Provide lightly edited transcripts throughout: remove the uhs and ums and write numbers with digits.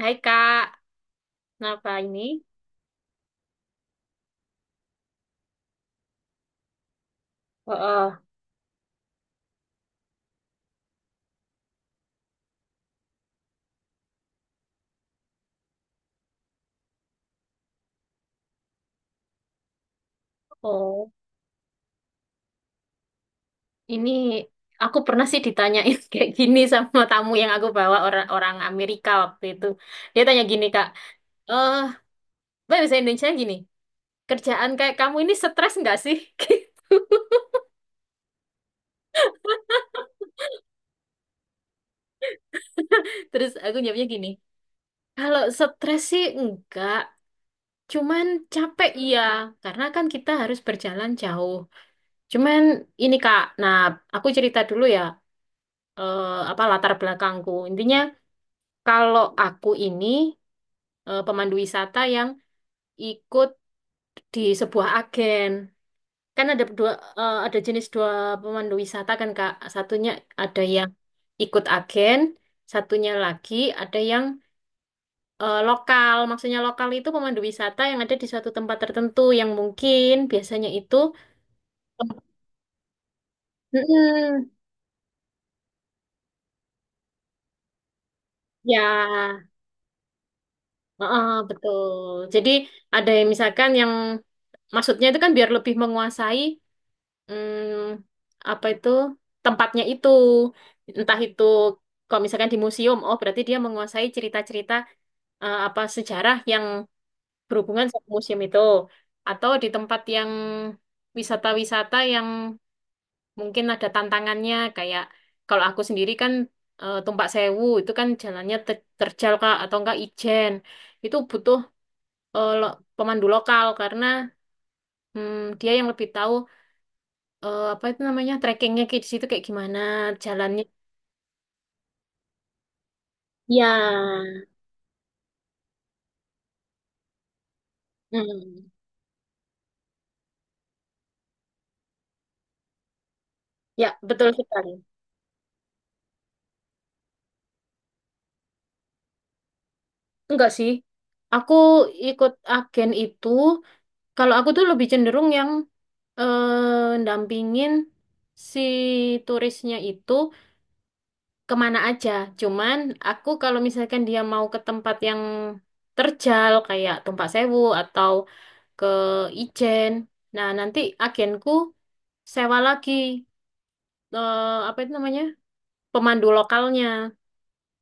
Hai Kak, kenapa ini? Oh, oh, ini aku pernah sih ditanyain kayak gini sama tamu yang aku bawa orang orang Amerika waktu itu. Dia tanya gini Kak, eh, Mbak bisa Indonesia gini, kerjaan kayak kamu ini stres nggak sih? Terus aku jawabnya gini, kalau stres sih enggak, cuman capek iya, karena kan kita harus berjalan jauh. Cuman ini Kak, nah aku cerita dulu ya, eh, apa latar belakangku. Intinya, kalau aku ini pemandu wisata yang ikut di sebuah agen. Kan ada jenis dua pemandu wisata kan Kak. Satunya ada yang ikut agen, satunya lagi ada yang lokal. Maksudnya lokal itu pemandu wisata yang ada di suatu tempat tertentu yang mungkin biasanya itu. Mm-mm. Ya, heeh, betul. Jadi ada yang misalkan yang maksudnya itu kan biar lebih menguasai, apa itu tempatnya itu, entah itu kalau misalkan di museum, oh berarti dia menguasai cerita-cerita, apa sejarah yang berhubungan sama museum itu, atau di tempat yang wisata-wisata yang mungkin ada tantangannya, kayak kalau aku sendiri kan, Tumpak Sewu itu kan jalannya terjal Kak, atau enggak Ijen itu butuh, pemandu lokal karena, dia yang lebih tahu, apa itu namanya trekkingnya kayak di situ, kayak gimana jalannya? Ya, Hmm, ya betul sekali. Enggak sih, aku ikut agen itu. Kalau aku tuh lebih cenderung yang ndampingin si turisnya itu kemana aja. Cuman aku kalau misalkan dia mau ke tempat yang terjal kayak Tumpak Sewu atau ke Ijen, nah nanti agenku sewa lagi, eh, apa itu namanya? Pemandu lokalnya.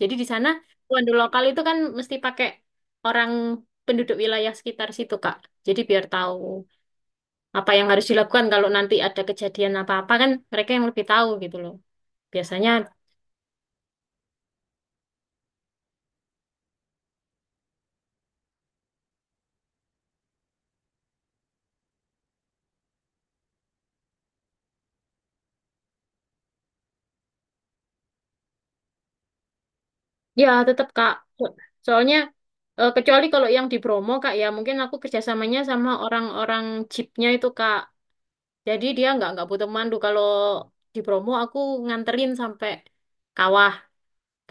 Jadi di sana pemandu lokal itu kan mesti pakai orang penduduk wilayah sekitar situ, Kak. Jadi biar tahu apa yang harus dilakukan kalau nanti ada kejadian apa-apa kan mereka yang lebih tahu gitu loh. Biasanya ya tetap Kak. So- Soalnya kecuali kalau yang di Bromo Kak ya mungkin aku kerjasamanya sama orang-orang jeepnya itu Kak. Jadi dia nggak butuh pemandu. Kalau di Bromo aku nganterin sampai kawah.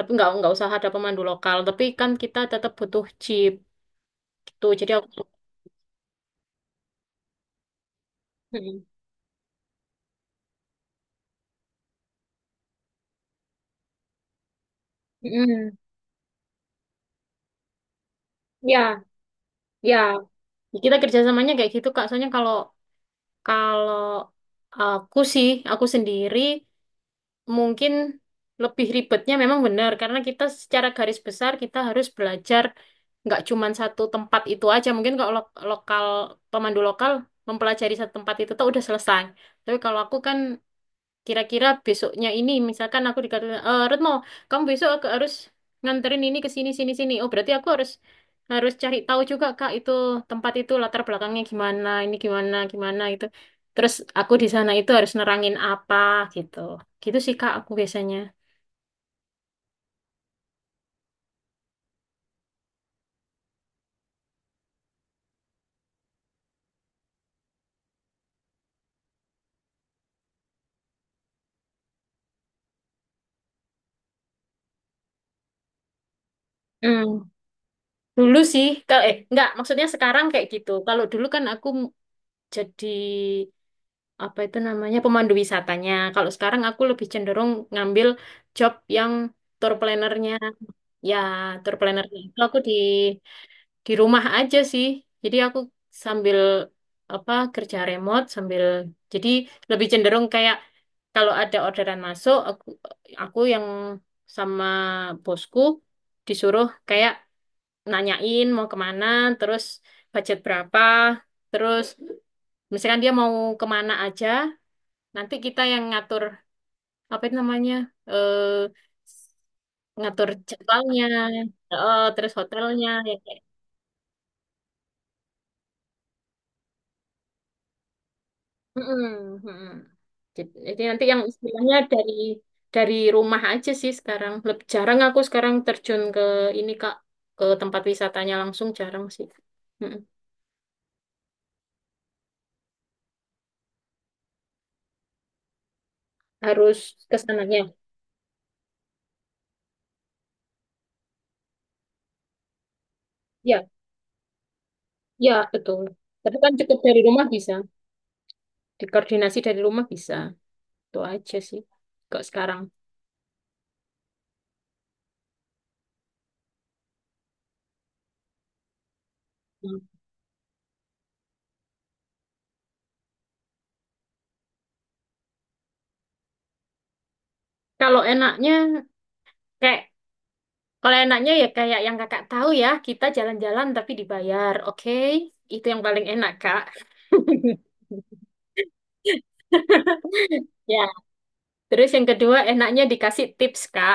Tapi nggak usah ada pemandu lokal tapi kan kita tetap butuh jeep gitu jadi aku. Mm-mm. Mm-mm. Ya ya, kita kerjasamanya kayak gitu Kak, soalnya kalau kalau aku sih, aku sendiri mungkin lebih ribetnya memang benar karena kita secara garis besar kita harus belajar nggak cuman satu tempat itu aja, mungkin kalau lokal, pemandu lokal mempelajari satu tempat itu tuh udah selesai, tapi kalau aku kan kira-kira besoknya ini, misalkan aku dikatakan, "Eh, Retno, kamu besok aku harus nganterin ini ke sini, sini, sini." Oh, berarti aku harus harus cari tahu juga, Kak, itu tempat itu latar belakangnya gimana, ini gimana, gimana itu. Terus aku di sana itu harus nerangin apa gitu. Gitu sih, Kak, aku biasanya. Hmm, Dulu sih, kalau eh enggak, maksudnya sekarang kayak gitu. Kalau dulu kan aku jadi apa itu namanya pemandu wisatanya. Kalau sekarang aku lebih cenderung ngambil job yang tour planner-nya. Ya, tour planner itu aku di rumah aja sih. Jadi aku sambil apa kerja remote sambil jadi lebih cenderung kayak kalau ada orderan masuk, aku yang sama bosku disuruh kayak nanyain mau kemana, terus budget berapa, terus misalkan dia mau kemana aja, nanti kita yang ngatur apa itu namanya eh ngatur jadwalnya, terus hotelnya, ya kayak. Mm-mm, mm-mm. Jadi nanti yang istilahnya dari rumah aja sih sekarang. Lebih jarang aku sekarang terjun ke ini Kak, ke tempat wisatanya langsung jarang sih. Mm-mm. Harus ke sananya. Ya, ya betul. Tapi kan cukup dari rumah bisa. Dikoordinasi dari rumah bisa. Itu aja sih. Kok sekarang. Mm. Kalau enaknya kayak Kalau enaknya ya kayak yang kakak tahu ya, kita jalan-jalan tapi dibayar, oke? Itu yang paling enak, Kak. Ya. Terus yang kedua enaknya dikasih tips, Kak.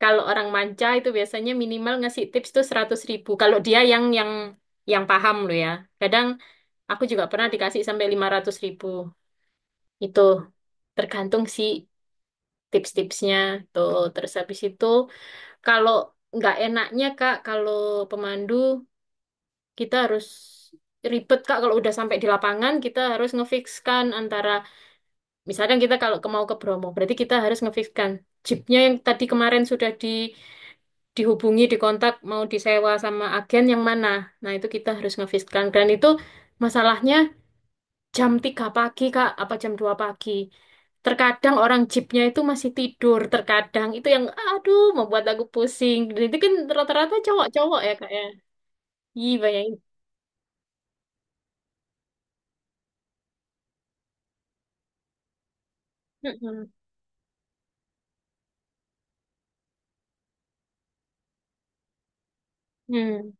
Kalau orang manca itu biasanya minimal ngasih tips tuh 100.000. Kalau dia yang paham loh ya. Kadang aku juga pernah dikasih sampai 500.000. Itu tergantung sih tips-tipsnya tuh. Terus habis itu, kalau nggak enaknya, Kak, kalau pemandu kita harus ribet Kak kalau udah sampai di lapangan kita harus ngefikskan antara, misalkan kita kalau mau ke Bromo berarti kita harus ngefikskan jeepnya yang tadi kemarin sudah dihubungi, dikontak mau disewa sama agen yang mana, nah itu kita harus ngefikskan, dan itu masalahnya jam 3 pagi Kak apa jam 2 pagi, terkadang orang jeepnya itu masih tidur, terkadang itu yang aduh membuat aku pusing. Dan itu kan rata-rata cowok-cowok ya Kak ya, iya bayangin. Mm-mm. Hmm.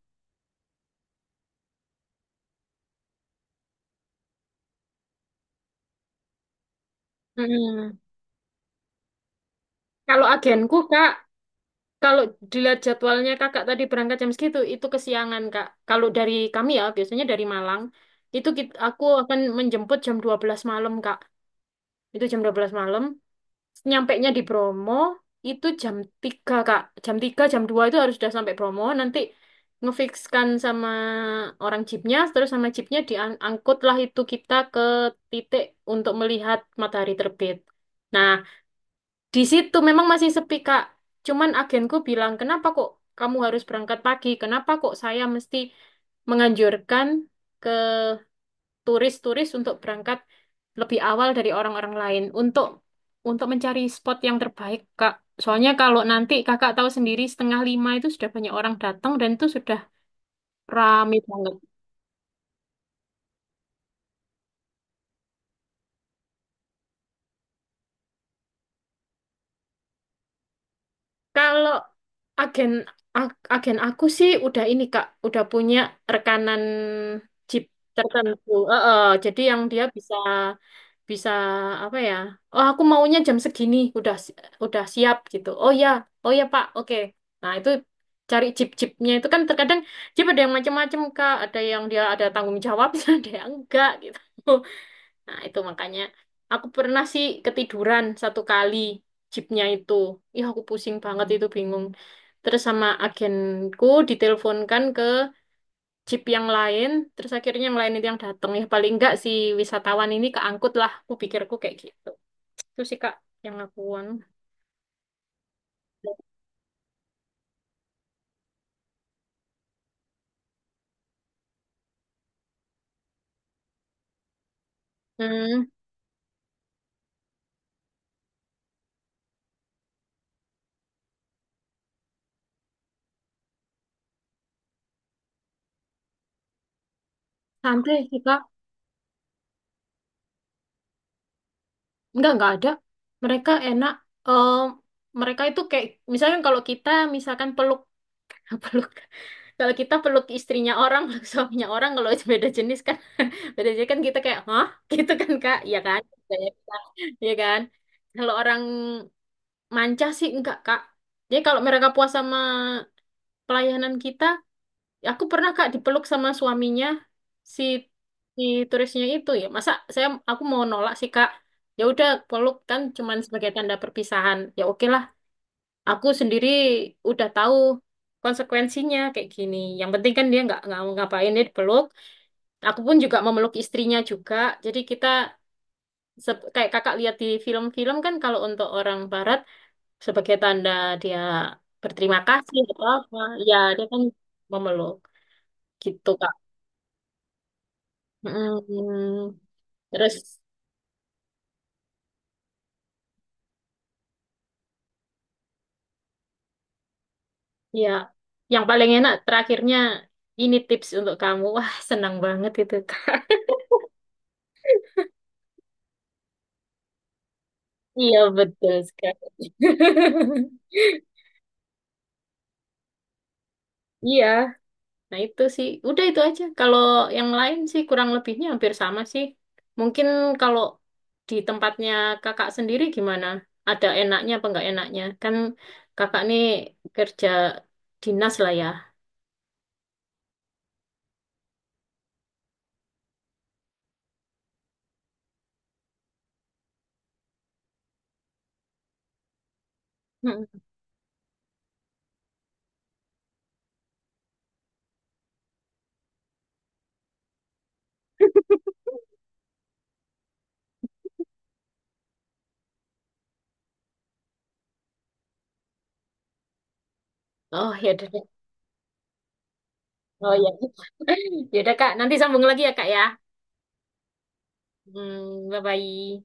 Mm-mm. Kalau agenku Kak, kalau dilihat jadwalnya Kakak tadi berangkat jam segitu, itu kesiangan Kak. Kalau dari kami ya, biasanya dari Malang, itu aku akan menjemput jam 12 malam Kak. Itu jam 12 malam, nyampainya di Bromo, itu jam 3 Kak. Jam 3, jam 2 itu harus sudah sampai Bromo, nanti ngefikskan sama orang jeepnya, terus sama jeepnya diangkutlah itu kita ke titik untuk melihat matahari terbit. Nah, di situ memang masih sepi, Kak. Cuman agenku bilang, kenapa kok kamu harus berangkat pagi? Kenapa kok saya mesti menganjurkan ke turis-turis untuk berangkat lebih awal dari orang-orang lain untuk mencari spot yang terbaik, Kak. Soalnya kalau nanti kakak tahu sendiri setengah lima itu sudah banyak orang datang dan itu sudah rame banget. Kalau agen agen aku sih udah ini, Kak, udah punya rekanan jeep tertentu. Jadi yang dia bisa bisa apa ya? Oh, aku maunya jam segini, udah siap gitu. Oh ya, oh ya Pak, oke. Nah itu cari jeep-jeepnya itu kan terkadang jeep ada yang macam-macam Kak, ada yang dia ada tanggung jawabnya, ada yang enggak gitu. Nah itu makanya aku pernah sih ketiduran satu kali jeepnya itu. Ih, aku pusing banget itu bingung. Terus sama agenku diteleponkan ke jeep yang lain, terus akhirnya yang lain itu yang datang. Ya paling enggak si wisatawan ini keangkut lah, aku pikirku kayak gitu. Itu sih Kak yang aku anu. Hmm, Santai sih Kak. Enggak ada. Mereka enak. Eh, Mereka itu kayak, misalkan kalau kita misalkan peluk, peluk. Kalau kita peluk istrinya orang, peluk suaminya orang, kalau beda jenis kan kita kayak, hah? Gitu kan Kak? Iya kan? Kayak kita, iya kan? Kalau orang manca sih enggak Kak. Jadi kalau mereka puas sama pelayanan kita, ya aku pernah kak dipeluk sama suaminya, si si turisnya itu, ya masa aku mau nolak sih kak, ya udah peluk kan cuman sebagai tanda perpisahan ya oke lah. Aku sendiri udah tahu konsekuensinya kayak gini, yang penting kan dia nggak mau ngapain, dia dipeluk, aku pun juga memeluk istrinya juga, jadi kita kayak kakak lihat di film-film kan kalau untuk orang barat sebagai tanda dia berterima kasih atau apa, ya dia kan memeluk gitu Kak. Mm, Terus ya yang paling enak terakhirnya ini tips untuk kamu. Wah, senang banget itu Kak. Iya betul sekali. Iya, nah itu sih. Udah itu aja. Kalau yang lain sih kurang lebihnya hampir sama sih. Mungkin kalau di tempatnya kakak sendiri gimana? Ada enaknya apa enggak enaknya? Kan kakak nih kerja dinas lah ya. Mm. Oh ya. Oh iya. Ya udah Kak, nanti sambung lagi ya Kak ya. Hmm, bye bye.